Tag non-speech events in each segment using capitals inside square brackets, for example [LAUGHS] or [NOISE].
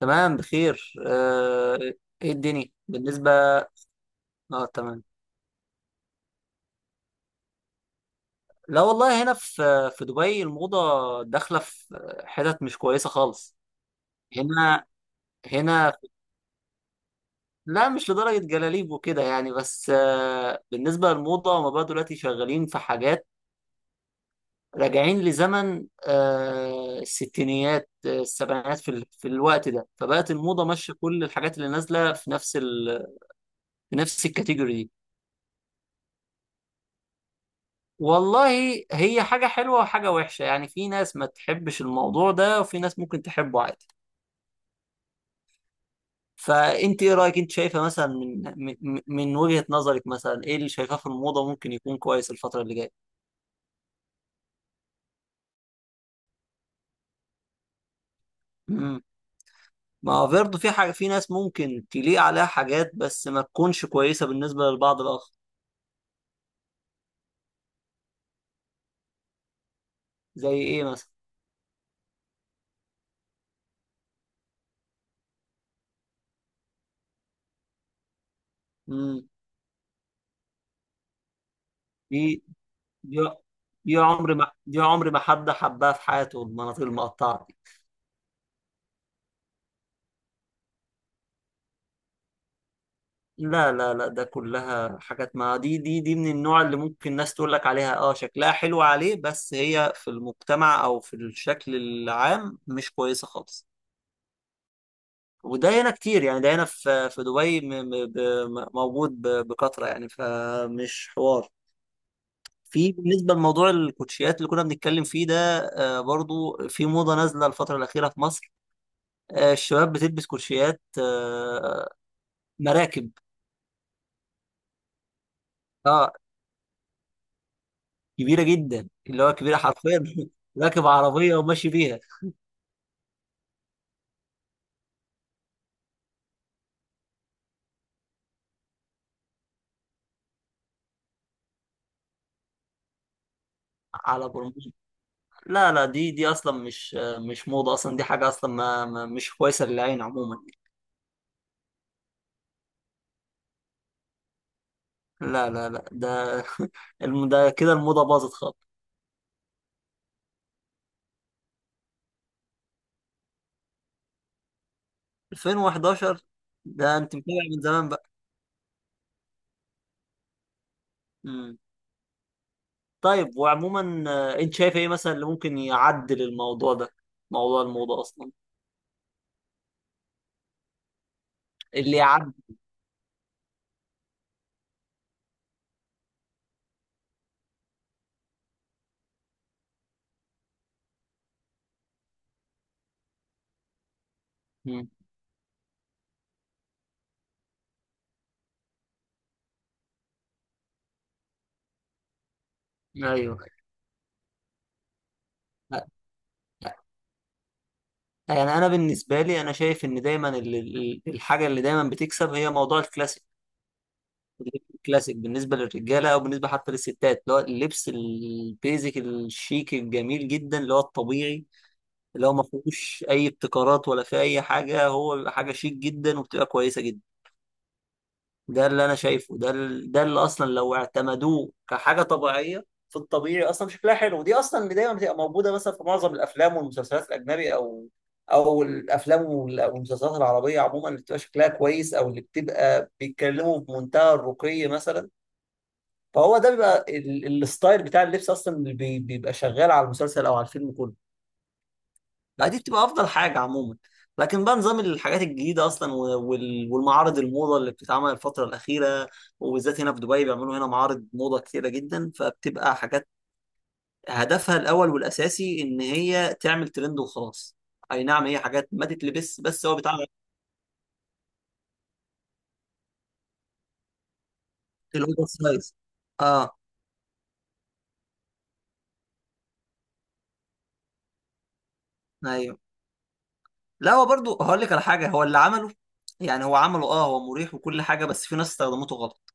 تمام بخير ايه الدنيا بالنسبة. اه تمام. لا والله هنا في دبي الموضة داخلة في حتت مش كويسة خالص هنا. هنا لا، مش لدرجة جلاليب وكده يعني، بس بالنسبة للموضة هما بقى دلوقتي شغالين في حاجات راجعين لزمن الستينيات، السبعينات، في الوقت ده، فبقت الموضة ماشية كل الحاجات اللي نازلة في نفس الكاتيجوري دي. والله هي حاجة حلوة وحاجة وحشة، يعني في ناس ما تحبش الموضوع ده وفي ناس ممكن تحبه عادي. فانت ايه رأيك؟ انت شايفة مثلا من من وجهة نظرك مثلا ايه اللي شايفاه في الموضة ممكن يكون كويس الفترة اللي جاية؟ امم، ما هو برضه في حاجة، في ناس ممكن تليق عليها حاجات بس ما تكونش كويسة بالنسبة للبعض الآخر. زي ايه مثلا؟ امم، دي دي دي عمر ما، عمر ما حد حبها في حياته المناطيل المقطعة. لا لا لا، ده كلها حاجات، ما دي من النوع اللي ممكن الناس تقول لك عليها اه شكلها حلو عليه، بس هي في المجتمع او في الشكل العام مش كويسة خالص. وده هنا كتير، يعني ده هنا في دبي موجود بكثرة، يعني فمش حوار في. بالنسبة لموضوع الكوتشيات اللي كنا بنتكلم فيه ده، برضو في موضة نازلة الفترة الأخيرة في مصر، الشباب بتلبس كوتشيات مراكب. اه كبيره جدا، اللي هو كبيره حرفيا. [LAUGHS] راكب عربيه وماشي بيها. على برمجه. لا لا، دي اصلا مش مش موضه اصلا، دي حاجه اصلا مش كويسه للعين عموما. لا لا لا، ده [LAUGHS] ده كده الموضه باظت خالص. 2011، ده انت متابع من زمان بقى. مم. طيب، وعموما انت شايف ايه مثلا اللي ممكن يعدل الموضوع ده، موضوع الموضه اصلا؟ اللي يعدل؟ مم. ايوه. يعني انا بالنسبه لي انا شايف ان دايما الحاجه اللي دايما بتكسب هي موضوع الكلاسيك. الكلاسيك بالنسبه للرجاله او بالنسبه حتى للستات، اللي هو اللبس البيزك الشيك الجميل جدا اللي هو الطبيعي، اللي هو ما فيهوش اي ابتكارات ولا في اي حاجه، هو بيبقى حاجه شيك جدا وبتبقى كويسه جدا. ده اللي انا شايفه، ده اللي اصلا لو اعتمدوه كحاجه طبيعيه في الطبيعي اصلا شكلها حلو، ودي اصلا اللي دايما بتبقى موجوده مثلا في معظم الافلام والمسلسلات الاجنبي، او او الافلام والمسلسلات العربيه عموما اللي بتبقى شكلها كويس او اللي بتبقى بيتكلموا بمنتهى الرقي مثلا. فهو ده بيبقى الستايل بتاع اللبس اصلا اللي بيبقى شغال على المسلسل او على الفيلم كله. لا، دي بتبقى افضل حاجه عموما. لكن بقى نظام الحاجات الجديده اصلا والمعارض الموضه اللي بتتعمل الفتره الاخيره، وبالذات هنا في دبي بيعملوا هنا معارض موضه كتيره جدا، فبتبقى حاجات هدفها الاول والاساسي ان هي تعمل ترند وخلاص. اي نعم، هي حاجات ما تتلبس بس هو بيتعمل. الاوفر سايز، اه. ايوه. لا هو برضو هقول لك على حاجه، هو اللي عمله يعني هو عمله اه هو مريح وكل حاجه، بس في ناس استخدمته غلط.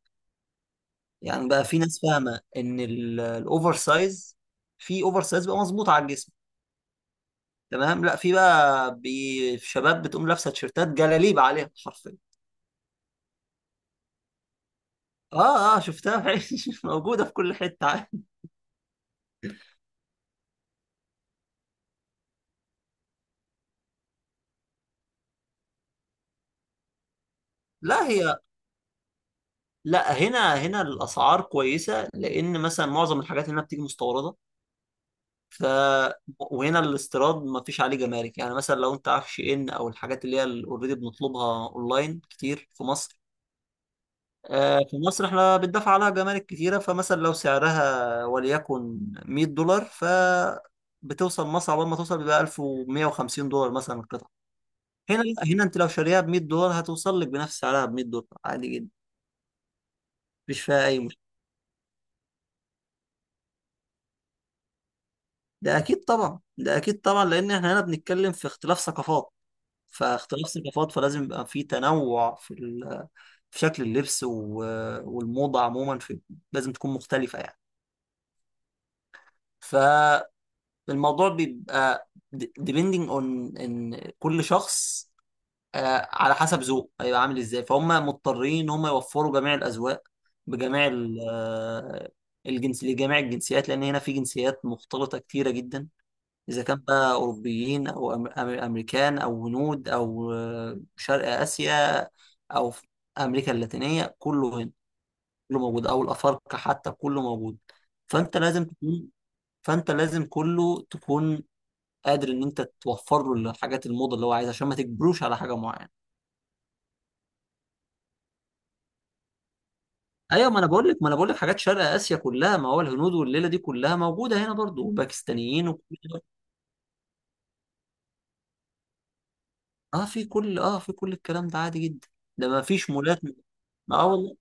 يعني بقى في ناس فاهمه ان الاوفر سايز، في اوفر سايز بقى مظبوط على الجسم تمام، لا في بقى بي شباب بتقوم لابسه تيشيرتات جلاليب عليها حرفيا. اه اه، شفتها في عيني. [LAUGHS] موجوده في كل حته عادي. لا هي لا، هنا الاسعار كويسه لان مثلا معظم الحاجات هنا بتيجي مستورده. ف وهنا الاستيراد ما فيش عليه جمارك، يعني مثلا لو انت عارف شي ان او الحاجات اللي هي اوريدي بنطلبها اونلاين كتير في مصر، في مصر احنا بندفع عليها جمارك كتيرة. فمثلا لو سعرها وليكن 100 دولار، ف بتوصل مصر، عقبال ما توصل بيبقى 1150 دولار مثلا القطعة. هنا لا، هنا انت لو شاريها ب 100 دولار هتوصل لك بنفس سعرها ب 100 دولار عادي جدا، مفيش فيها اي مشكلة. ده اكيد طبعا، ده اكيد طبعا، لان احنا هنا بنتكلم في اختلاف ثقافات. فاختلاف ثقافات فلازم يبقى في تنوع في شكل اللبس والموضة عموما لازم تكون مختلفة يعني. ف الموضوع بيبقى depending on ان كل شخص على حسب ذوقه هيبقى عامل ازاي، فهم مضطرين ان هم يوفروا جميع الاذواق بجميع الجنس، لجميع الجنسيات، لان هنا في جنسيات مختلطه كتيره جدا. اذا كان بقى اوروبيين او امريكان او هنود او شرق اسيا او في امريكا اللاتينيه، كله هنا، كله موجود، او الافارقه حتى كله موجود. فانت لازم تكون فانت لازم كله تكون قادر ان انت توفر له الحاجات الموضه اللي هو عايزها، عشان ما تجبروش على حاجه معينه. ايوه، ما انا بقول لك حاجات شرق اسيا كلها، ما هو الهنود والليله دي كلها موجوده هنا برضو، وباكستانيين وكل ده. اه في كل، اه في كل الكلام ده عادي جدا، ده ما فيش مولات. ما اه والله.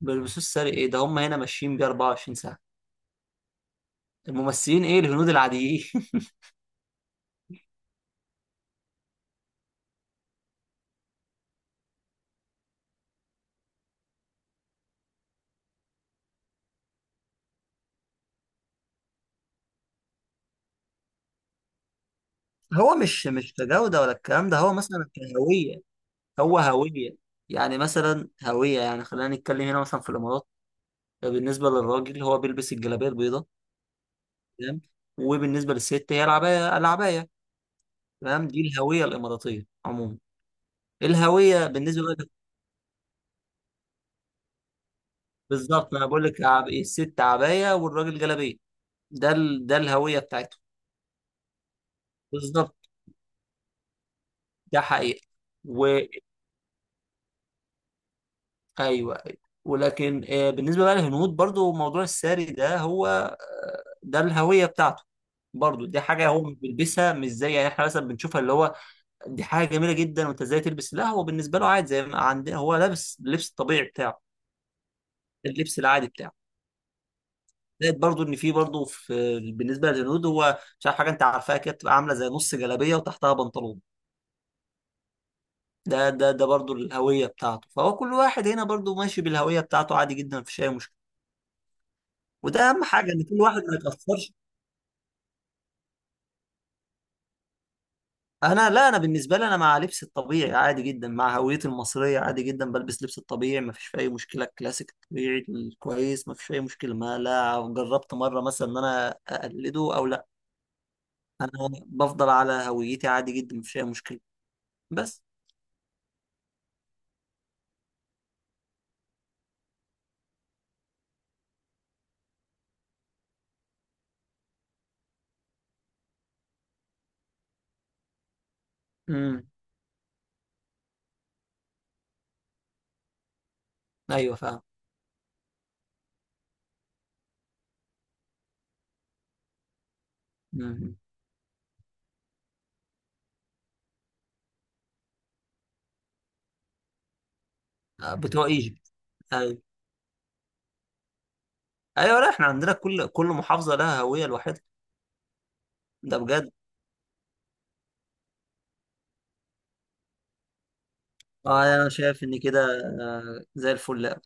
ما بيلبسوش ساري؟ ايه ده، هم هنا ماشيين بيه 24 ساعه. الممثلين ايه، الهنود العاديين. [LAUGHS] هو مش مش كجوده ولا الكلام ده، هو مثلا كهويه. هو هويه، يعني مثلا هويه، يعني خلينا نتكلم هنا مثلا في الامارات. بالنسبه للراجل هو بيلبس الجلابيه البيضاء تمام، وبالنسبه للست هي العبايه تمام، دي الهويه الاماراتيه عموما. الهويه بالنسبه لك. بالظبط، انا بقول لك عب... الست عبايه والراجل جلابيه، ده الهويه بتاعتهم. بالظبط، ده حقيقه. و ايوه، أيوة. ولكن بالنسبه بقى للهنود برضو موضوع الساري ده هو ده الهويه بتاعته. برضو دي حاجه هو مش بيلبسها مش زي يعني احنا مثلا بنشوفها اللي هو دي حاجه جميله جدا وانت ازاي تلبس، لا هو بالنسبه له عادي زي ما عندنا، هو لابس اللبس الطبيعي بتاعه، اللبس العادي بتاعه. زائد برضو ان في برضو في بالنسبه للهنود، هو مش عارف حاجه انت عارفاها كده بتبقى عامله زي نص جلابيه وتحتها بنطلون، ده برضو الهويه بتاعته. فهو كل واحد هنا برضو ماشي بالهويه بتاعته عادي جدا، مفيش اي مشكله. وده اهم حاجه، ان كل واحد ما يتاثرش. انا لا، انا بالنسبه لي انا مع لبس الطبيعي عادي جدا، مع هويتي المصريه عادي جدا بلبس لبس الطبيعي، ما فيش اي مشكله، الكلاسيك الطبيعي الكويس، ما فيش اي مشكله، ما لا جربت مره مثلا ان انا اقلده او لا. انا بفضل على هويتي عادي جدا، ما فيش اي مشكله بس. امم. ايوه فاهم. امم. بتوع ايجيبت. ايوه ايوه، لا احنا عندنا كل محافظه لها هويه لوحدها. ده بجد، اه انا شايف ان كده زي الفل أوي.